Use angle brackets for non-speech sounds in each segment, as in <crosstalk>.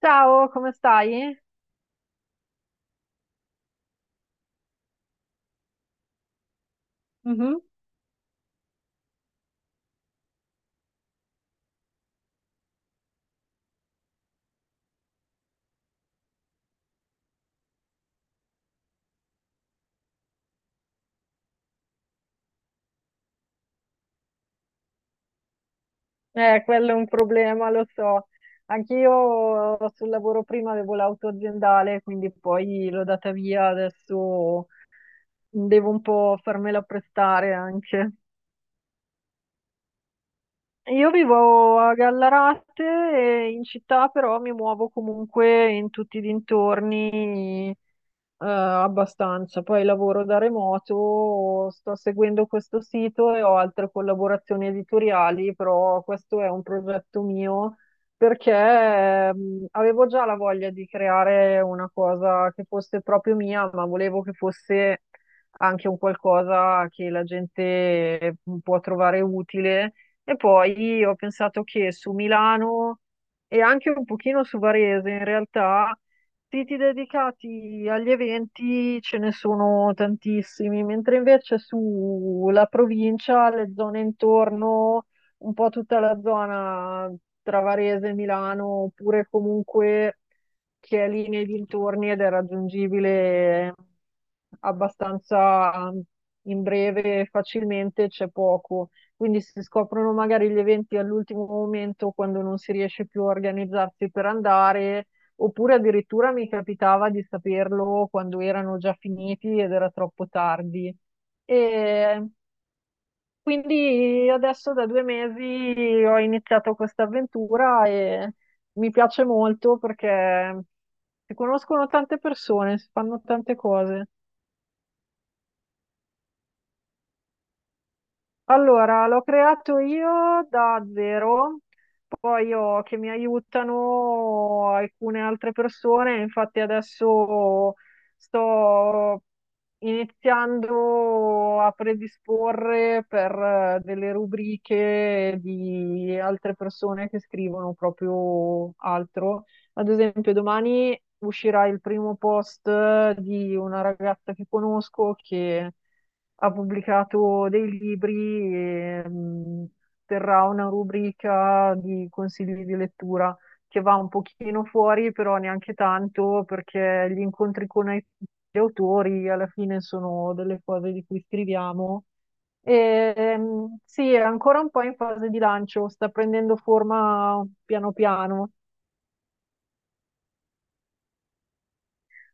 Ciao, come stai? Mhm. Quello è un problema, lo so. Anch'io sul lavoro prima avevo l'auto aziendale, quindi poi l'ho data via, adesso devo un po' farmela prestare anche. Io vivo a Gallarate, e in città però mi muovo comunque in tutti i dintorni, abbastanza. Poi lavoro da remoto, sto seguendo questo sito e ho altre collaborazioni editoriali, però questo è un progetto mio perché, avevo già la voglia di creare una cosa che fosse proprio mia, ma volevo che fosse anche un qualcosa che la gente può trovare utile e poi ho pensato che su Milano e anche un pochino su Varese, in realtà, siti dedicati agli eventi ce ne sono tantissimi, mentre invece sulla provincia, le zone intorno, un po' tutta la zona tra Varese e Milano, oppure comunque che è lì nei dintorni ed è raggiungibile abbastanza in breve e facilmente, c'è poco. Quindi si scoprono magari gli eventi all'ultimo momento quando non si riesce più a organizzarsi per andare, oppure addirittura mi capitava di saperlo quando erano già finiti ed era troppo tardi. E quindi adesso da 2 mesi ho iniziato questa avventura e mi piace molto perché si conoscono tante persone, si fanno tante cose. Allora, l'ho creato io da zero, poi ho che mi aiutano alcune altre persone, infatti adesso sto iniziando a predisporre per delle rubriche di altre persone che scrivono proprio altro, ad esempio, domani uscirà il primo post di una ragazza che conosco che ha pubblicato dei libri e terrà una rubrica di consigli di lettura che va un pochino fuori, però neanche tanto, perché gli incontri con gli autori alla fine sono delle cose di cui scriviamo. E, sì, è ancora un po' in fase di lancio, sta prendendo forma piano piano.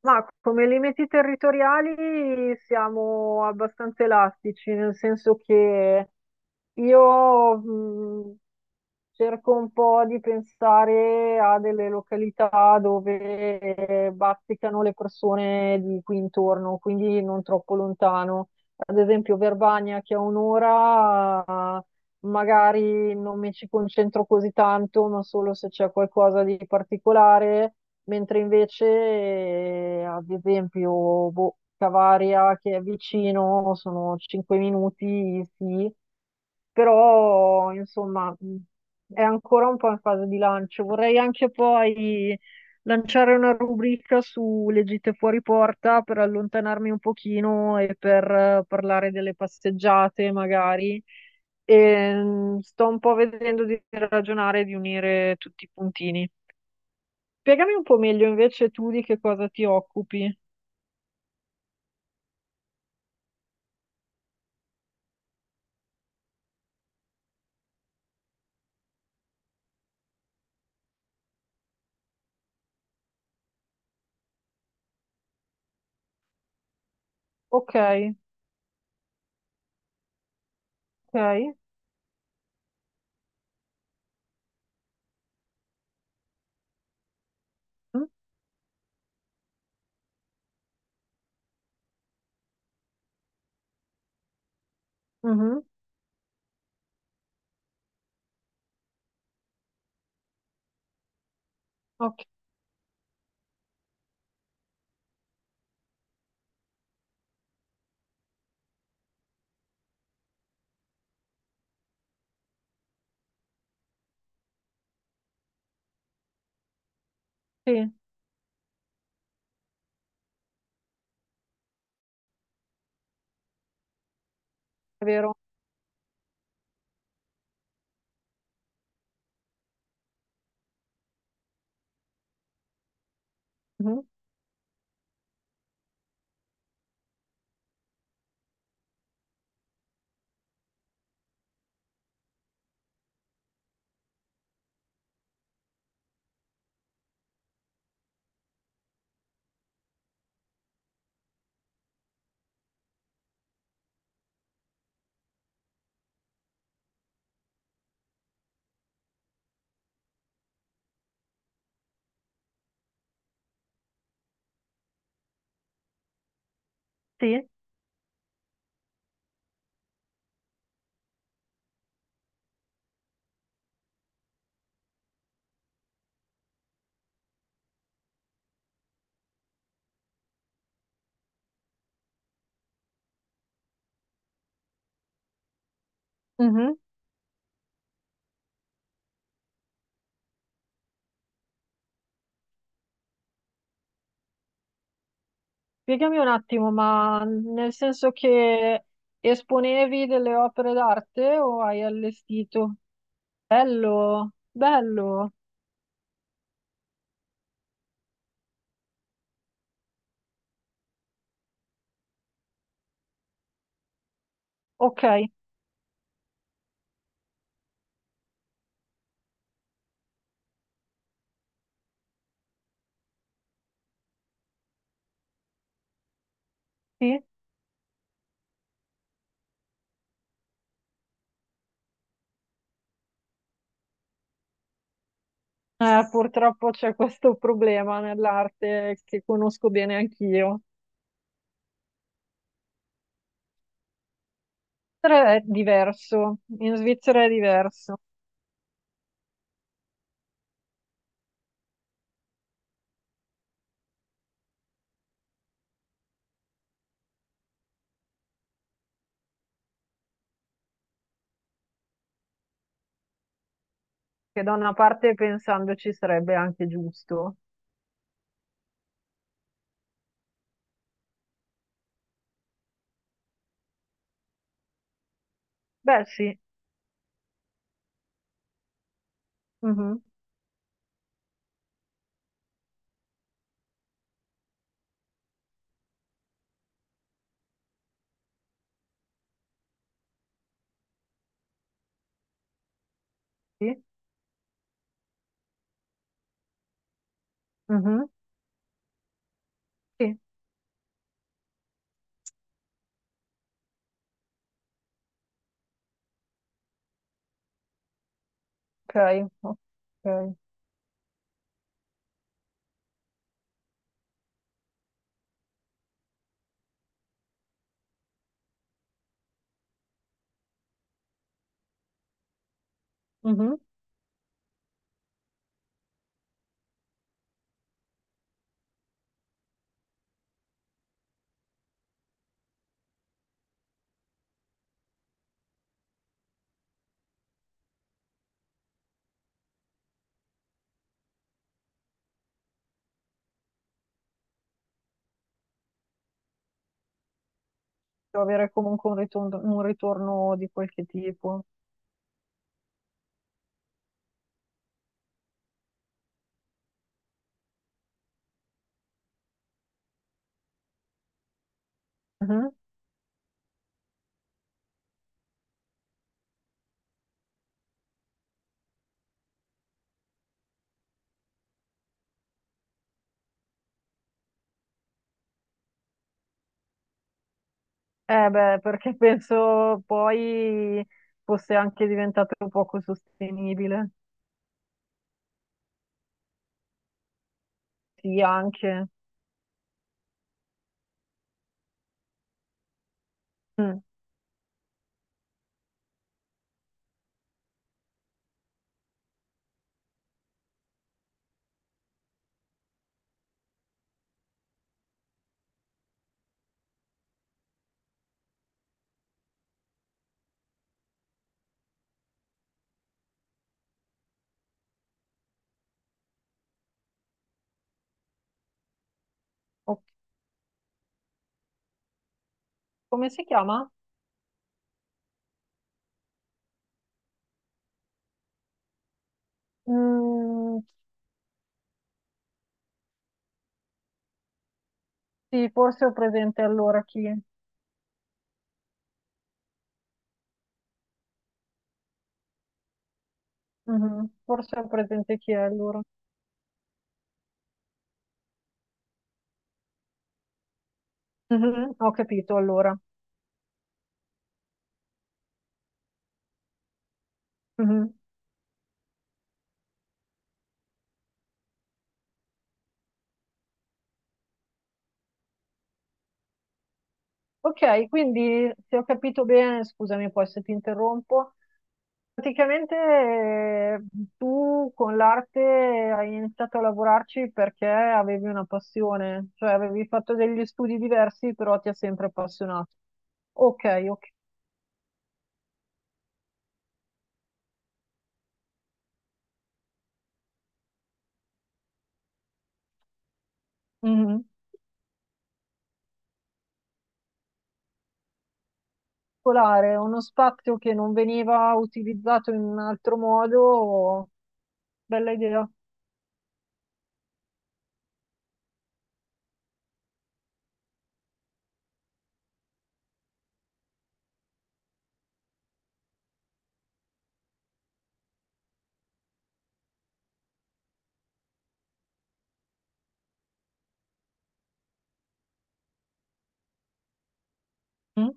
Ma come limiti territoriali siamo abbastanza elastici, nel senso che io, cerco un po' di pensare a delle località dove bazzicano le persone di qui intorno, quindi non troppo lontano. Ad esempio Verbania, che a un'ora, magari non mi ci concentro così tanto, ma solo se c'è qualcosa di particolare, mentre invece, ad esempio, boh, Cavaria, che è vicino, sono 5 minuti, sì però insomma è ancora un po' in fase di lancio. Vorrei anche poi lanciare una rubrica sulle gite fuori porta per allontanarmi un pochino e per parlare delle passeggiate magari. E, sto un po' vedendo di ragionare e di unire tutti i puntini. Spiegami un po' meglio invece tu di che cosa ti occupi. Ok, ok. Mhm. Mhm. Ok. Sì, è vero. Mhm. Sì. Mm-hmm. Spiegami un attimo, ma nel senso che esponevi delle opere d'arte o hai allestito? Bello, bello. Ok, sì. Purtroppo c'è questo problema nell'arte che conosco bene anch'io. Però è diverso, in Svizzera è diverso, che da una parte pensandoci sarebbe anche giusto. Beh, sì. Mhm. Sì. Mhm. Sì. Ok. Ok. Mhm. Devo avere comunque un ritorno di qualche tipo. Mhm. Eh beh, <laughs> perché penso poi fosse anche diventato poco sostenibile. Sì, anche. Mm. O- Come si chiama? Mm, sì, forse ho presente allora chi è. Mhm. Forse ho presente chi è allora. Mhm, ho capito allora. Mhm. Ok, quindi se ho capito bene, scusami poi se ti interrompo, praticamente tu con l'arte hai iniziato a lavorarci perché avevi una passione, cioè avevi fatto degli studi diversi, però ti ha sempre appassionato. Ok, ok. Mhm. Particolare, uno spazio che non veniva utilizzato in un altro modo, bella idea. Mm?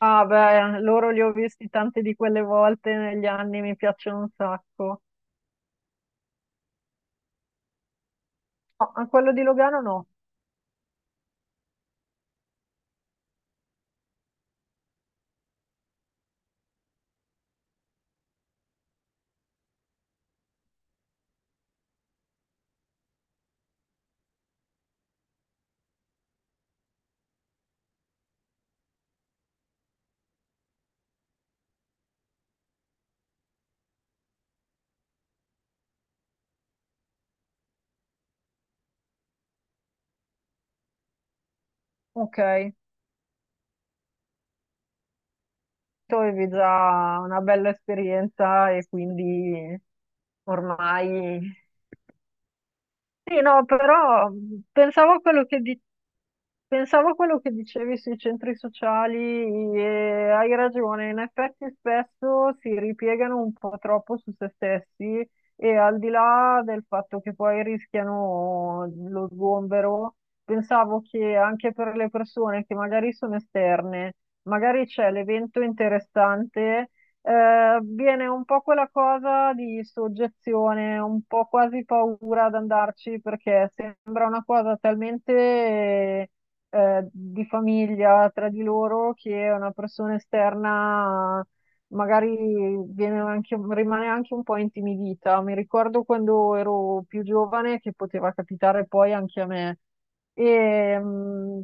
Ah, beh, loro li ho visti tante di quelle volte negli anni, mi piacciono un sacco. No, a quello di Logano no. Ok, tu avevi già una bella esperienza e quindi ormai... Sì, no, però pensavo a quello che, pensavo a quello che dicevi sui centri sociali e hai ragione, in effetti spesso si ripiegano un po' troppo su se stessi e al di là del fatto che poi rischiano lo sgombero, pensavo che anche per le persone che magari sono esterne, magari c'è l'evento interessante, viene un po' quella cosa di soggezione, un po' quasi paura ad andarci perché sembra una cosa talmente di famiglia tra di loro che una persona esterna magari rimane anche un po' intimidita. Mi ricordo quando ero più giovane che poteva capitare poi anche a me. E,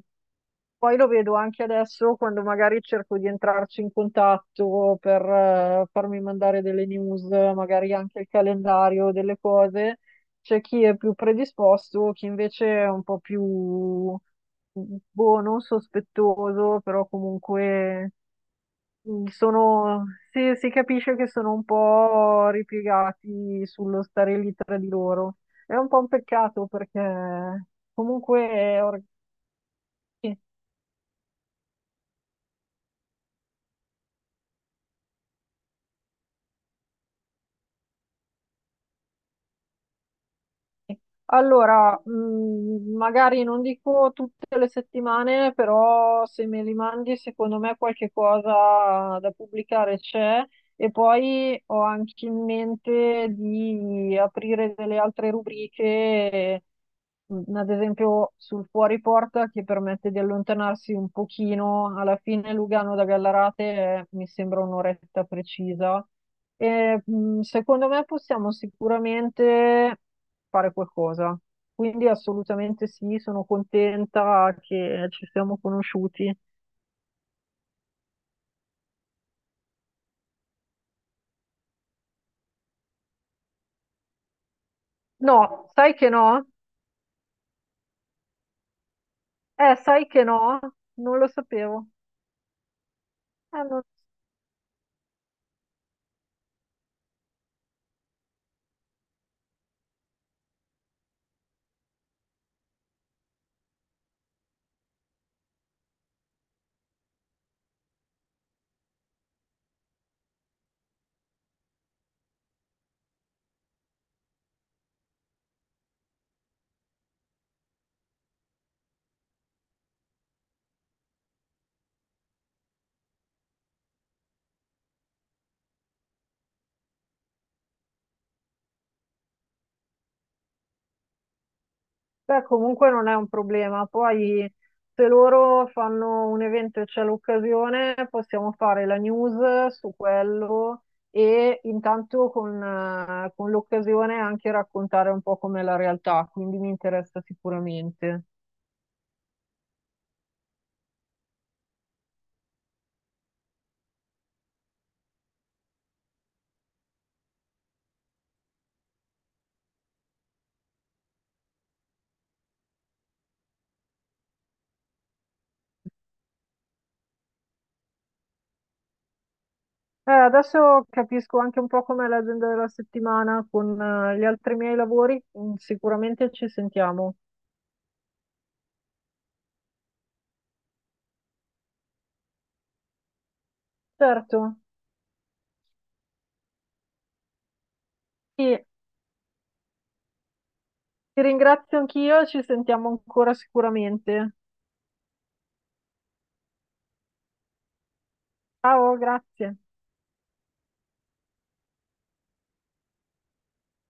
poi lo vedo anche adesso quando magari cerco di entrarci in contatto per farmi mandare delle news, magari anche il calendario, delle cose. C'è chi è più predisposto, chi invece è un po' più boh, non sospettoso, però comunque sono, si capisce che sono un po' ripiegati sullo stare lì tra di loro. È un po' un peccato perché comunque allora, magari non dico tutte le settimane, però se me li mandi, secondo me qualche cosa da pubblicare c'è. E poi ho anche in mente di aprire delle altre rubriche, ad esempio sul fuori porta, che permette di allontanarsi un pochino. Alla fine Lugano da Gallarate mi sembra un'oretta precisa e, secondo me possiamo sicuramente fare qualcosa. Quindi assolutamente sì, sono contenta che ci siamo conosciuti. No, sai che no? Sai che no? Non lo sapevo. Non lo Beh, comunque non è un problema. Poi, se loro fanno un evento e c'è l'occasione, possiamo fare la news su quello e intanto con l'occasione anche raccontare un po' com'è la realtà, quindi mi interessa sicuramente. Adesso capisco anche un po' com'è l'agenda della settimana con, gli altri miei lavori, sicuramente ci sentiamo. Certo, sì, ti ringrazio anch'io, ci sentiamo ancora sicuramente. Ciao, grazie.